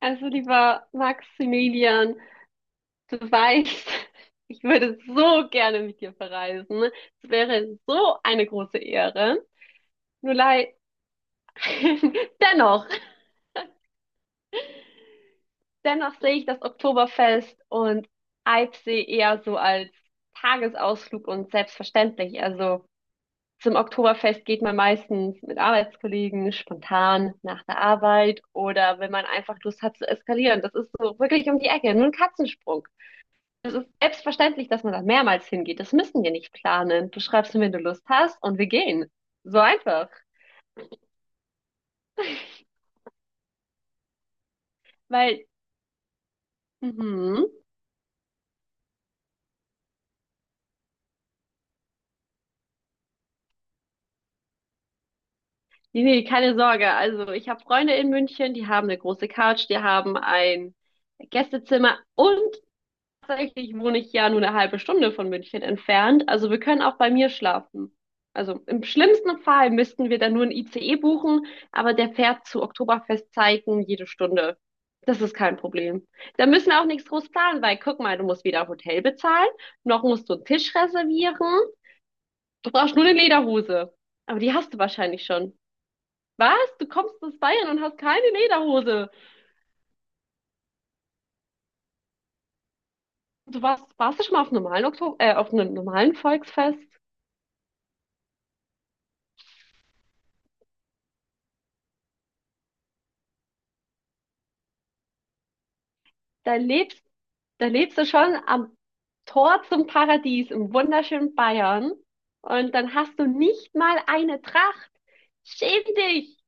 Also lieber Maximilian, du weißt, ich würde so gerne mit dir verreisen. Es wäre so eine große Ehre. Nur leid, dennoch, dennoch sehe ich das Oktoberfest und Eibsee eher so als Tagesausflug und selbstverständlich. Also zum Oktoberfest geht man meistens mit Arbeitskollegen spontan nach der Arbeit oder wenn man einfach Lust hat zu eskalieren. Das ist so wirklich um die Ecke, nur ein Katzensprung. Es ist selbstverständlich, dass man da mehrmals hingeht. Das müssen wir nicht planen. Du schreibst mir, wenn du Lust hast, und wir gehen. So einfach. Weil, mhm. Nee, nee, keine Sorge. Also, ich habe Freunde in München, die haben eine große Couch, die haben ein Gästezimmer und tatsächlich wohne ich ja nur eine halbe Stunde von München entfernt. Also wir können auch bei mir schlafen. Also im schlimmsten Fall müssten wir dann nur ein ICE buchen, aber der fährt zu Oktoberfestzeiten jede Stunde. Das ist kein Problem. Da müssen wir auch nichts groß planen, weil guck mal, du musst weder Hotel bezahlen, noch musst du einen Tisch reservieren. Du brauchst nur eine Lederhose. Aber die hast du wahrscheinlich schon. Was? Du kommst aus Bayern und hast keine Lederhose. Warst du schon mal auf einem normalen Volksfest? Da lebst Da lebst du schon am Tor zum Paradies im wunderschönen Bayern und dann hast du nicht mal eine Tracht. Schäm dich!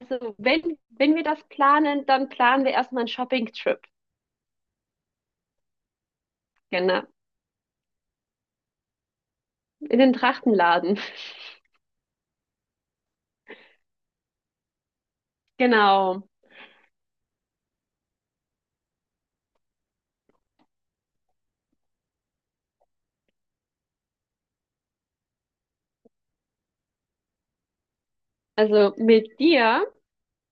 Also wenn wir das planen, dann planen wir erstmal einen Shopping-Trip. Genau. In den Trachtenladen. Genau. Also mit dir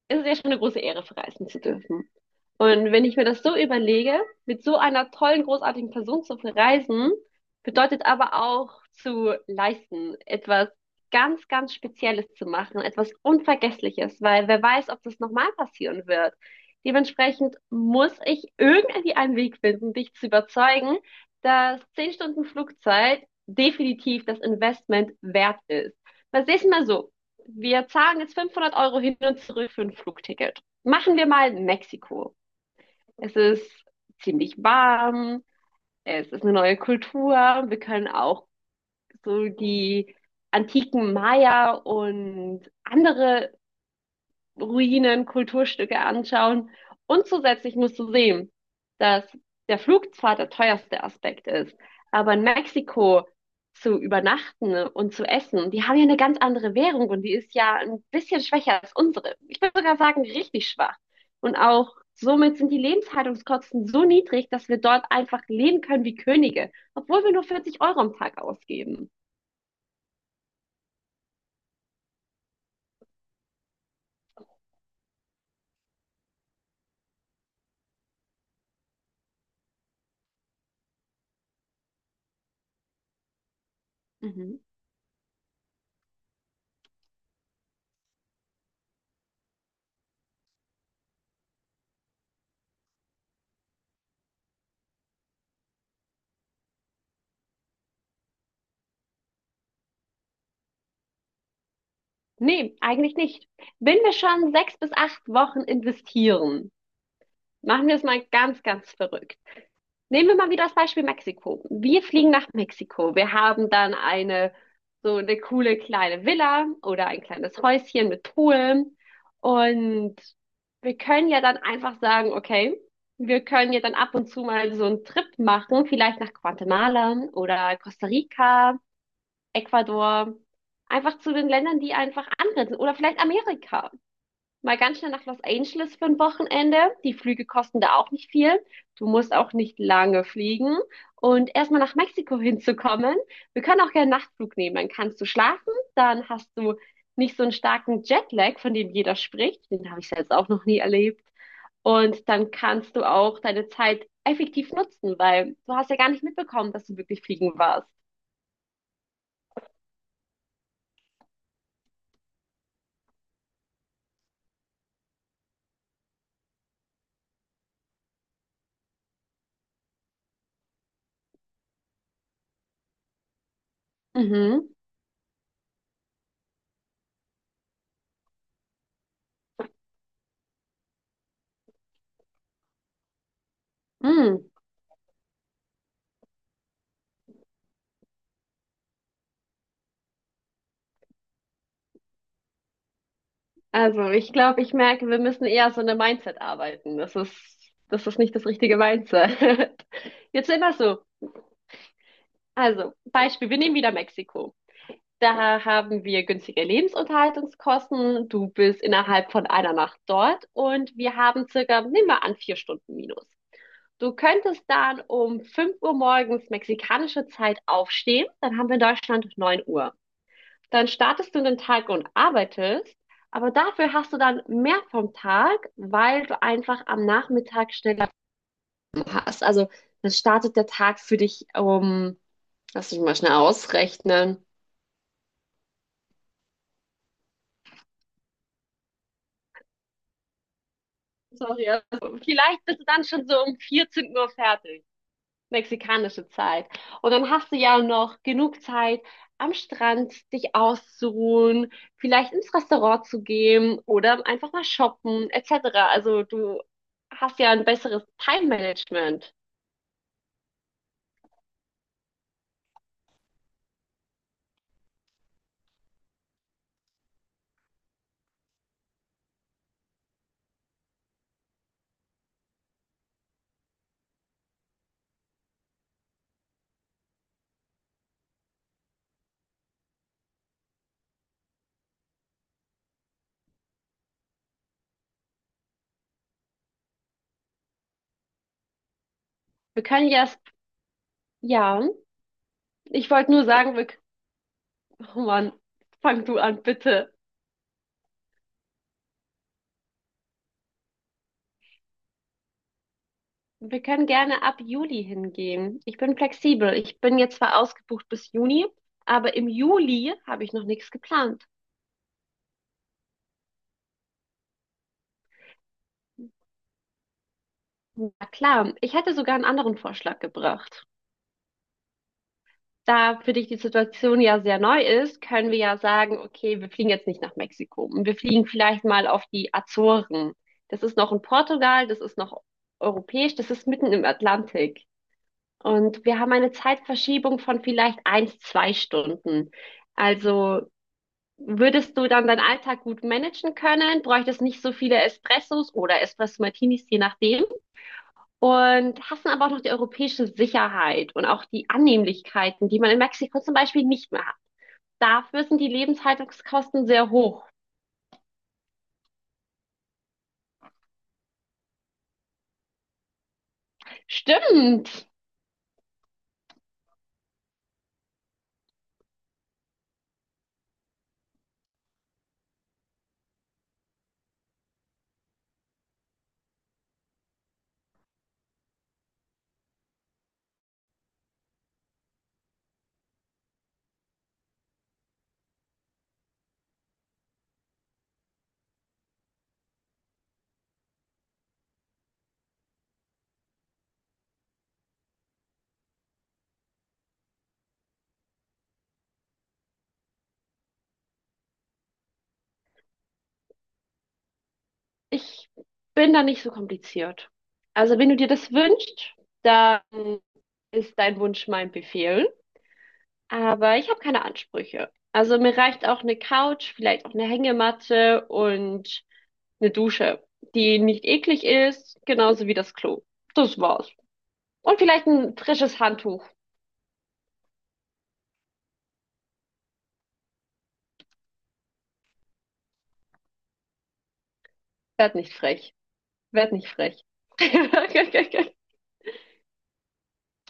ist es ja schon eine große Ehre, verreisen zu dürfen. Und wenn ich mir das so überlege, mit so einer tollen, großartigen Person zu verreisen, bedeutet aber auch zu leisten, etwas ganz, ganz Spezielles zu machen, etwas Unvergessliches, weil wer weiß, ob das nochmal passieren wird. Dementsprechend muss ich irgendwie einen Weg finden, dich zu überzeugen, dass 10 Stunden Flugzeit definitiv das Investment wert ist. Weil seh's mal so, wir zahlen jetzt 500 € hin und zurück für ein Flugticket. Machen wir mal Mexiko. Es ist ziemlich warm, es ist eine neue Kultur. Wir können auch so die antiken Maya und andere Ruinen, Kulturstücke anschauen. Und zusätzlich musst du sehen, dass der Flug zwar der teuerste Aspekt ist, aber in Mexiko zu übernachten und zu essen, die haben ja eine ganz andere Währung und die ist ja ein bisschen schwächer als unsere. Ich würde sogar sagen, richtig schwach. Und auch somit sind die Lebenshaltungskosten so niedrig, dass wir dort einfach leben können wie Könige, obwohl wir nur 40 € am Tag ausgeben. Mhm. Nee, eigentlich nicht. Wenn wir schon 6 bis 8 Wochen investieren, machen wir es mal ganz, ganz verrückt. Nehmen wir mal wieder das Beispiel Mexiko. Wir fliegen nach Mexiko. Wir haben dann eine, so eine coole kleine Villa oder ein kleines Häuschen mit Pool. Und wir können ja dann einfach sagen, okay, wir können ja dann ab und zu mal so einen Trip machen, vielleicht nach Guatemala oder Costa Rica, Ecuador, einfach zu den Ländern, die einfach angrenzen oder vielleicht Amerika mal ganz schnell nach Los Angeles für ein Wochenende. Die Flüge kosten da auch nicht viel. Du musst auch nicht lange fliegen. Und erstmal nach Mexiko hinzukommen. Wir können auch gerne einen Nachtflug nehmen. Dann kannst du schlafen, dann hast du nicht so einen starken Jetlag, von dem jeder spricht. Den habe ich selbst auch noch nie erlebt. Und dann kannst du auch deine Zeit effektiv nutzen, weil du hast ja gar nicht mitbekommen, dass du wirklich fliegen warst. Mhm. Mhm. Also, ich glaube, ich merke, wir müssen eher so eine Mindset arbeiten. Das ist nicht das richtige Mindset. Jetzt sind wir so. Also, Beispiel, wir nehmen wieder Mexiko. Da haben wir günstige Lebensunterhaltungskosten. Du bist innerhalb von einer Nacht dort und wir haben circa, nehmen wir an, 4 Stunden minus. Du könntest dann um 5 Uhr morgens mexikanische Zeit aufstehen. Dann haben wir in Deutschland 9 Uhr. Dann startest du in den Tag und arbeitest, aber dafür hast du dann mehr vom Tag, weil du einfach am Nachmittag schneller hast. Also dann startet der Tag für dich um, lass mich mal schnell ausrechnen. Sorry, also vielleicht bist du dann schon so um 14 Uhr fertig. Mexikanische Zeit. Und dann hast du ja noch genug Zeit, am Strand dich auszuruhen, vielleicht ins Restaurant zu gehen oder einfach mal shoppen, etc. Also du hast ja ein besseres Time-Management. Wir können ja, ja, ich wollte nur sagen, wir, oh Mann, fang du an, bitte. Wir können gerne ab Juli hingehen. Ich bin flexibel. Ich bin jetzt zwar ausgebucht bis Juni, aber im Juli habe ich noch nichts geplant. Na klar, ich hätte sogar einen anderen Vorschlag gebracht. Da für dich die Situation ja sehr neu ist, können wir ja sagen, okay, wir fliegen jetzt nicht nach Mexiko. Wir fliegen vielleicht mal auf die Azoren. Das ist noch in Portugal, das ist noch europäisch, das ist mitten im Atlantik. Und wir haben eine Zeitverschiebung von vielleicht eins, zwei Stunden. Also würdest du dann deinen Alltag gut managen können? Bräuchtest nicht so viele Espressos oder Espresso Martinis, je nachdem? Und hassen aber auch noch die europäische Sicherheit und auch die Annehmlichkeiten, die man in Mexiko zum Beispiel nicht mehr hat. Dafür sind die Lebenshaltungskosten sehr hoch. Stimmt, ich bin da nicht so kompliziert. Also wenn du dir das wünschst, dann ist dein Wunsch mein Befehl. Aber ich habe keine Ansprüche. Also mir reicht auch eine Couch, vielleicht auch eine Hängematte und eine Dusche, die nicht eklig ist, genauso wie das Klo. Das war's. Und vielleicht ein frisches Handtuch. Werd nicht frech. Werd nicht frech.